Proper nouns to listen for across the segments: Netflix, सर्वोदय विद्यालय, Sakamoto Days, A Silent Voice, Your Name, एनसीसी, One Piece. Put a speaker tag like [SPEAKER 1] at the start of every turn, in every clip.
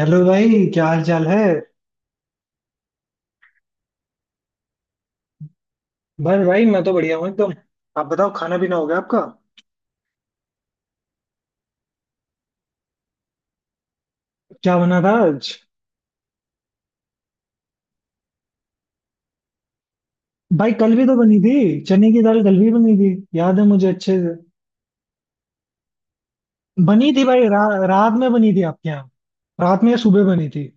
[SPEAKER 1] Hello भाई, क्या हाल चाल है। बस भाई, मैं तो बढ़िया हूँ एकदम। आप बताओ, खाना पीना हो गया आपका। क्या बना था आज। भाई कल भी तो बनी थी। चने की दाल कल भी बनी थी, याद है मुझे अच्छे से। बनी थी भाई, रात में बनी थी आपके यहाँ। रात में या सुबह बनी थी।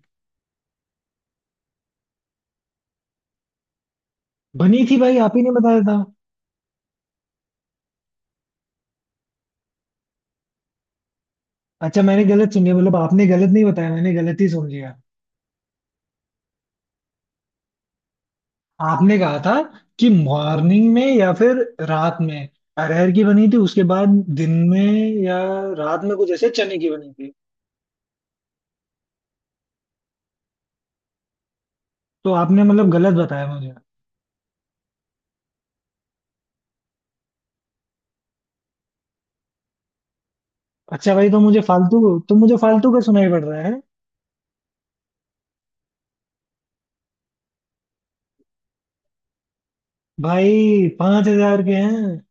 [SPEAKER 1] बनी थी भाई आप ही ने बताया था। अच्छा, मैंने गलत सुन लिया, मतलब आपने गलत नहीं बताया, मैंने गलत ही सुन लिया। आपने कहा था कि मॉर्निंग में या फिर रात में अरहर की बनी थी, उसके बाद दिन में या रात में कुछ ऐसे चने की बनी थी। तो आपने मतलब गलत बताया मुझे। अच्छा भाई, तो मुझे फालतू का सुनाई पड़ रहा है। भाई 5,000 के हैं।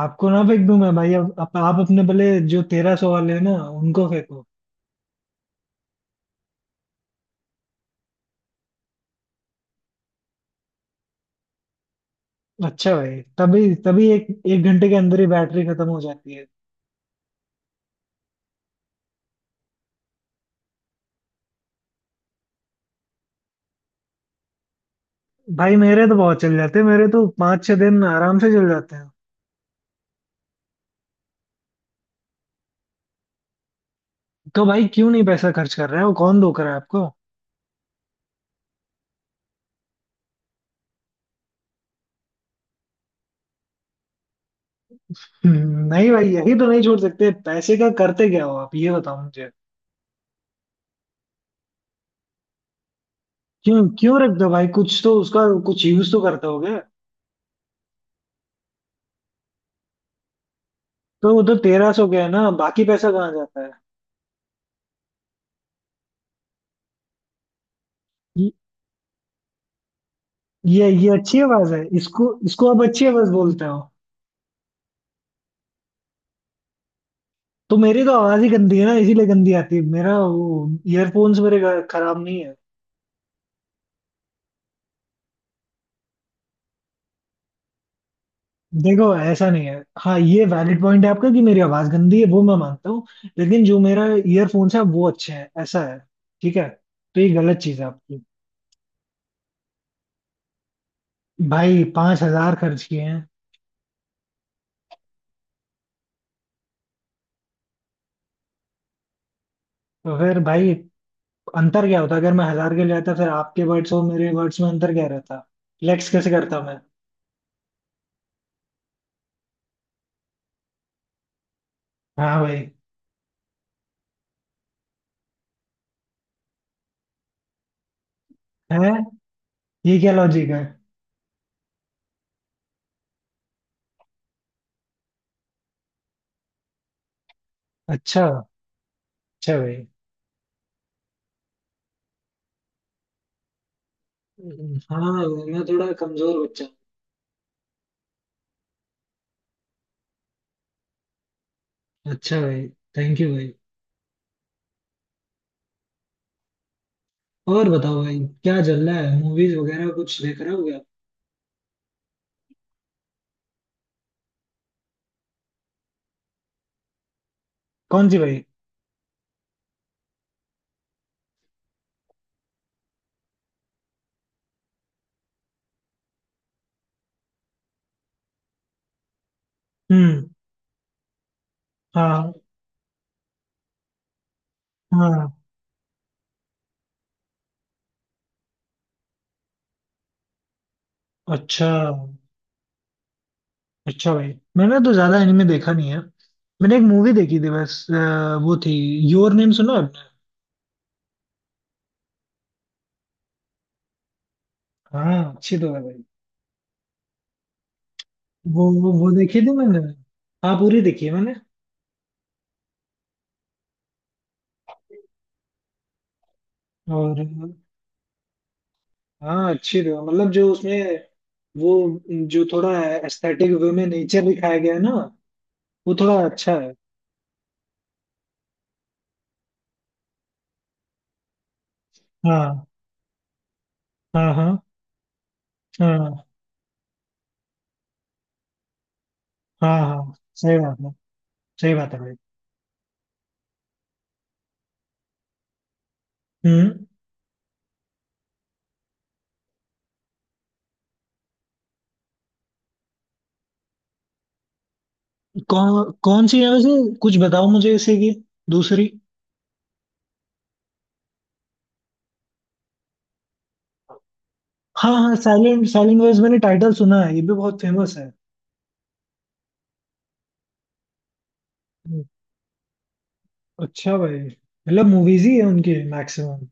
[SPEAKER 1] आपको ना फेंक दूं मैं भाई, अब आप अपने भले। जो 1,300 वाले हैं ना उनको फेंको। अच्छा भाई, तभी तभी एक एक घंटे के अंदर ही बैटरी खत्म हो जाती है। भाई मेरे तो बहुत चल जाते हैं, मेरे तो 5-6 दिन आराम से चल जाते हैं। तो भाई क्यों नहीं पैसा खर्च कर रहे हो, कौन धोखा रहा है आपको। हम्म, नहीं भाई, यही तो नहीं छोड़ सकते। पैसे का करते क्या हो आप, ये बताओ मुझे। क्यों क्यों रखता भाई, कुछ तो उसका कुछ यूज तो करता हो गया। तो वो तो 1,300 गया ना, बाकी पैसा कहाँ जाता है। ये ये अच्छी आवाज है, इसको इसको आप अच्छी आवाज बोलते हो। तो मेरी तो आवाज ही गंदी है ना, इसीलिए गंदी आती है। मेरा वो ईयरफोन्स, खराब नहीं है। देखो ऐसा नहीं है, हाँ ये वैलिड पॉइंट है आपका कि मेरी आवाज गंदी है, वो मैं मानता हूँ। लेकिन जो मेरा ईयरफोन्स है वो अच्छे हैं, ऐसा है। ठीक है। तो ये गलत चीज है आपकी। भाई पांच हजार खर्च किए हैं। तो फिर भाई अंतर क्या होता अगर मैं हजार के ले आता, फिर आपके वर्ड्स और मेरे वर्ड्स में अंतर क्या रहता। फ्लेक्स कैसे करता मैं। हाँ भाई। है। ये क्या लॉजिक है। अच्छा, अच्छा भाई। हाँ। मैं थोड़ा कमजोर बच्चा हूँ। अच्छा भाई, थैंक यू भाई। और बताओ भाई क्या चल रहा है, मूवीज वगैरह कुछ देख रहे हो क्या। कौन सी भाई। हम्म। हाँ। हाँ। अच्छा। अच्छा भाई, मैंने तो ज्यादा एनिमे देखा नहीं है। मैंने एक मूवी देखी थी बस, वो थी। योर नेम सुना है आपने। हाँ अच्छी तो है भाई। वो देखी थी मैंने। हाँ पूरी देखी है मैंने। और हाँ अच्छी थी, मतलब जो उसमें, वो जो थोड़ा एस्थेटिक वे में नेचर दिखाया गया है ना, वो थोड़ा अच्छा है। हाँ। हाँ। हाँ। हाँ। हाँ। हाँ। सही बात है, सही बात है भाई। हम्म कौन कौन सी है वैसे। कुछ बताओ मुझे इसे की दूसरी। हाँ, हाँ, साइलेंट, साइलेंट वॉइस मैंने टाइटल सुना है, ये भी बहुत फेमस है। हम्म, अच्छा भाई मतलब मूवीज ही है उनके मैक्सिमम।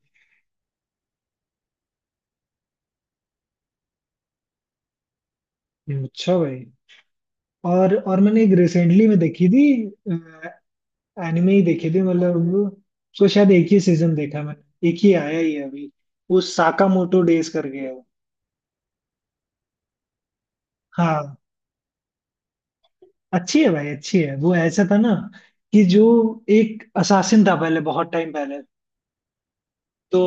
[SPEAKER 1] अच्छा भाई, और मैंने एक रिसेंटली में देखी थी। एनिमे ही देखी थी, मतलब उसको शायद एक ही सीजन देखा मैंने, एक ही आया ही है अभी। वो साकामोटो डेज करके है वो। हाँ अच्छी है भाई, अच्छी है। वो ऐसा था ना कि जो एक असासिन था पहले, बहुत टाइम पहले। तो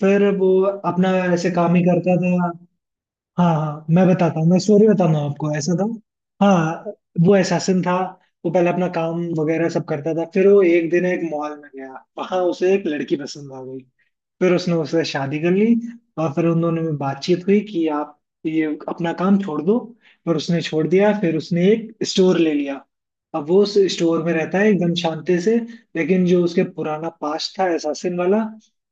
[SPEAKER 1] फिर वो अपना ऐसे काम ही करता था। हाँ हाँ मैं बताता हूँ, मैं स्टोरी बताता हूँ आपको, ऐसा था। हाँ। वो एसासिन था, वो पहले अपना काम वगैरह सब करता था, फिर वो एक दिन एक मॉल में गया, वहां उसे एक लड़की पसंद आ गई, फिर उसने उससे शादी कर ली। और फिर उन दोनों में बातचीत हुई कि आप ये अपना काम छोड़ दो। पर उसने छोड़ दिया, फिर उसने एक स्टोर ले लिया। अब वो उस स्टोर में रहता है एकदम शांति से। लेकिन जो उसके पुराना पास्ट था एसासिन वाला,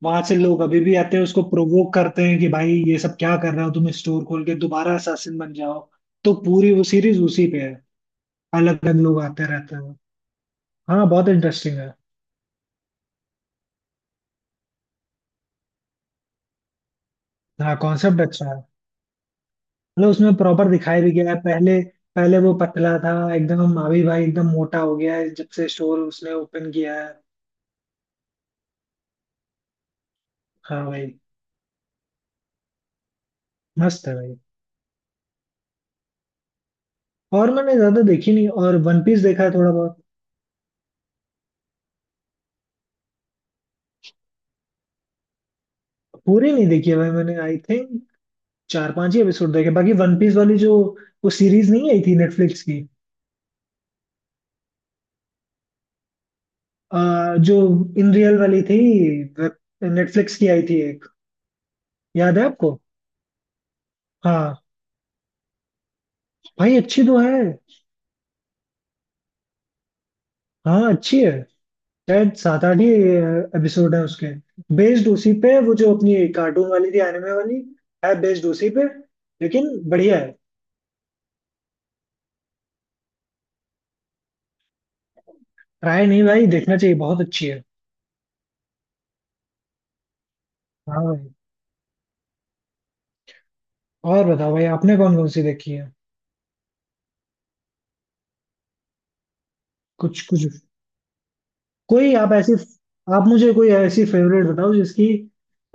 [SPEAKER 1] वहां से लोग अभी भी आते हैं, उसको प्रोवोक करते हैं कि भाई ये सब क्या कर रहे हो तुम, स्टोर खोल के दोबारा एसासिन बन जाओ। तो पूरी वो सीरीज उसी पे है, अलग अलग लोग आते रहते हैं। हाँ बहुत इंटरेस्टिंग है। हाँ कॉन्सेप्ट अच्छा है। मतलब उसमें प्रॉपर दिखाया भी गया है, पहले, पहले वो पतला था एकदम, अभी भाई एकदम मोटा हो गया है जब से स्टोर उसने ओपन किया है। हाँ भाई मस्त है भाई। और मैंने ज्यादा देखी नहीं, और वन पीस देखा है थोड़ा बहुत। पूरी नहीं देखी है भाई मैंने, आई थिंक 4-5 ही एपिसोड देखे। बाकी वन पीस वाली जो वो सीरीज नहीं आई थी नेटफ्लिक्स की, जो इन रियल वाली थी, नेटफ्लिक्स की आई थी एक। याद है आपको। हाँ भाई अच्छी तो है। हाँ अच्छी है, शायद 7-8 ही एपिसोड है उसके। बेस्ड उसी पे है, वो जो अपनी कार्टून वाली थी एनिमे वाली, है बेस्ड उसी पे। लेकिन बढ़िया है। ट्राई नहीं भाई, देखना चाहिए, बहुत अच्छी है। हाँ भाई। और बताओ भाई आपने कौन कौन सी देखी है। कुछ कुछ कोई आप ऐसी। आप मुझे कोई ऐसी फेवरेट बताओ जिसकी,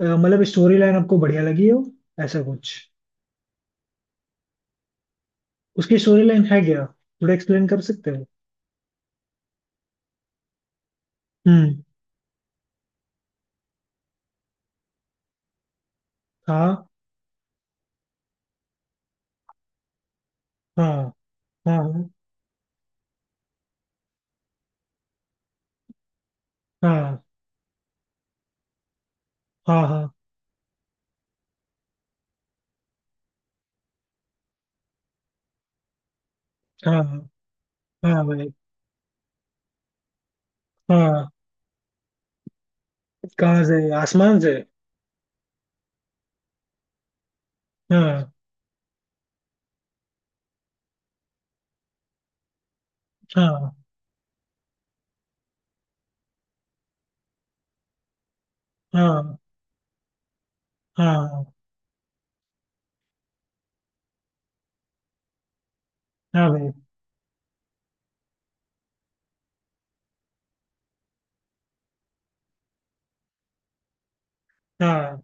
[SPEAKER 1] मतलब स्टोरी लाइन आपको बढ़िया लगी हो, ऐसा कुछ। उसकी स्टोरी लाइन है क्या, थोड़ा एक्सप्लेन कर सकते हो। हम्म। हाँ। हाँ। हाँ। हाँ। हाँ। हाँ। हाँ। हाँ। हाँ भाई। हाँ। कहाँ से, आसमान से। हाँ। हाँ। हाँ। हाँ। हाँ भाई। हाँ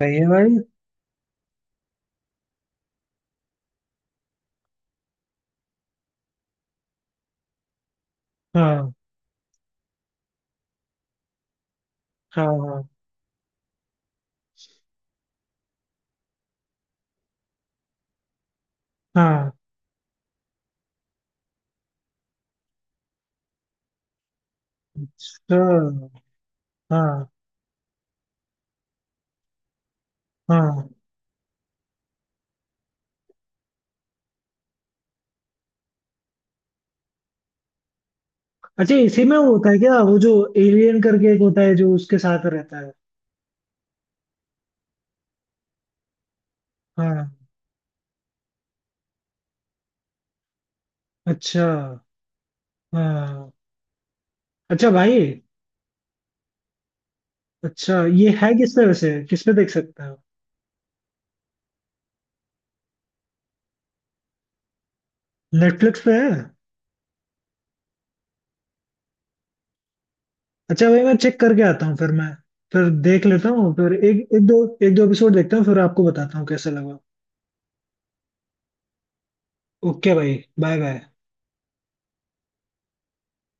[SPEAKER 1] सही है भाई। हाँ। हाँ। हाँ। हाँ। sure। हाँ। हाँ। अच्छा इसी में होता है क्या, वो जो एलियन करके एक होता है जो उसके साथ रहता है। हाँ। अच्छा। हाँ। अच्छा भाई। अच्छा, ये है किस पे वैसे, किस पे देख सकते हो। नेटफ्लिक्स पे है। अच्छा भाई, मैं चेक करके आता हूँ, फिर मैं फिर देख लेता हूँ। फिर एक एक दो एपिसोड देखता हूँ, फिर आपको बताता हूँ कैसा लगा। ओके भाई, बाय बाय।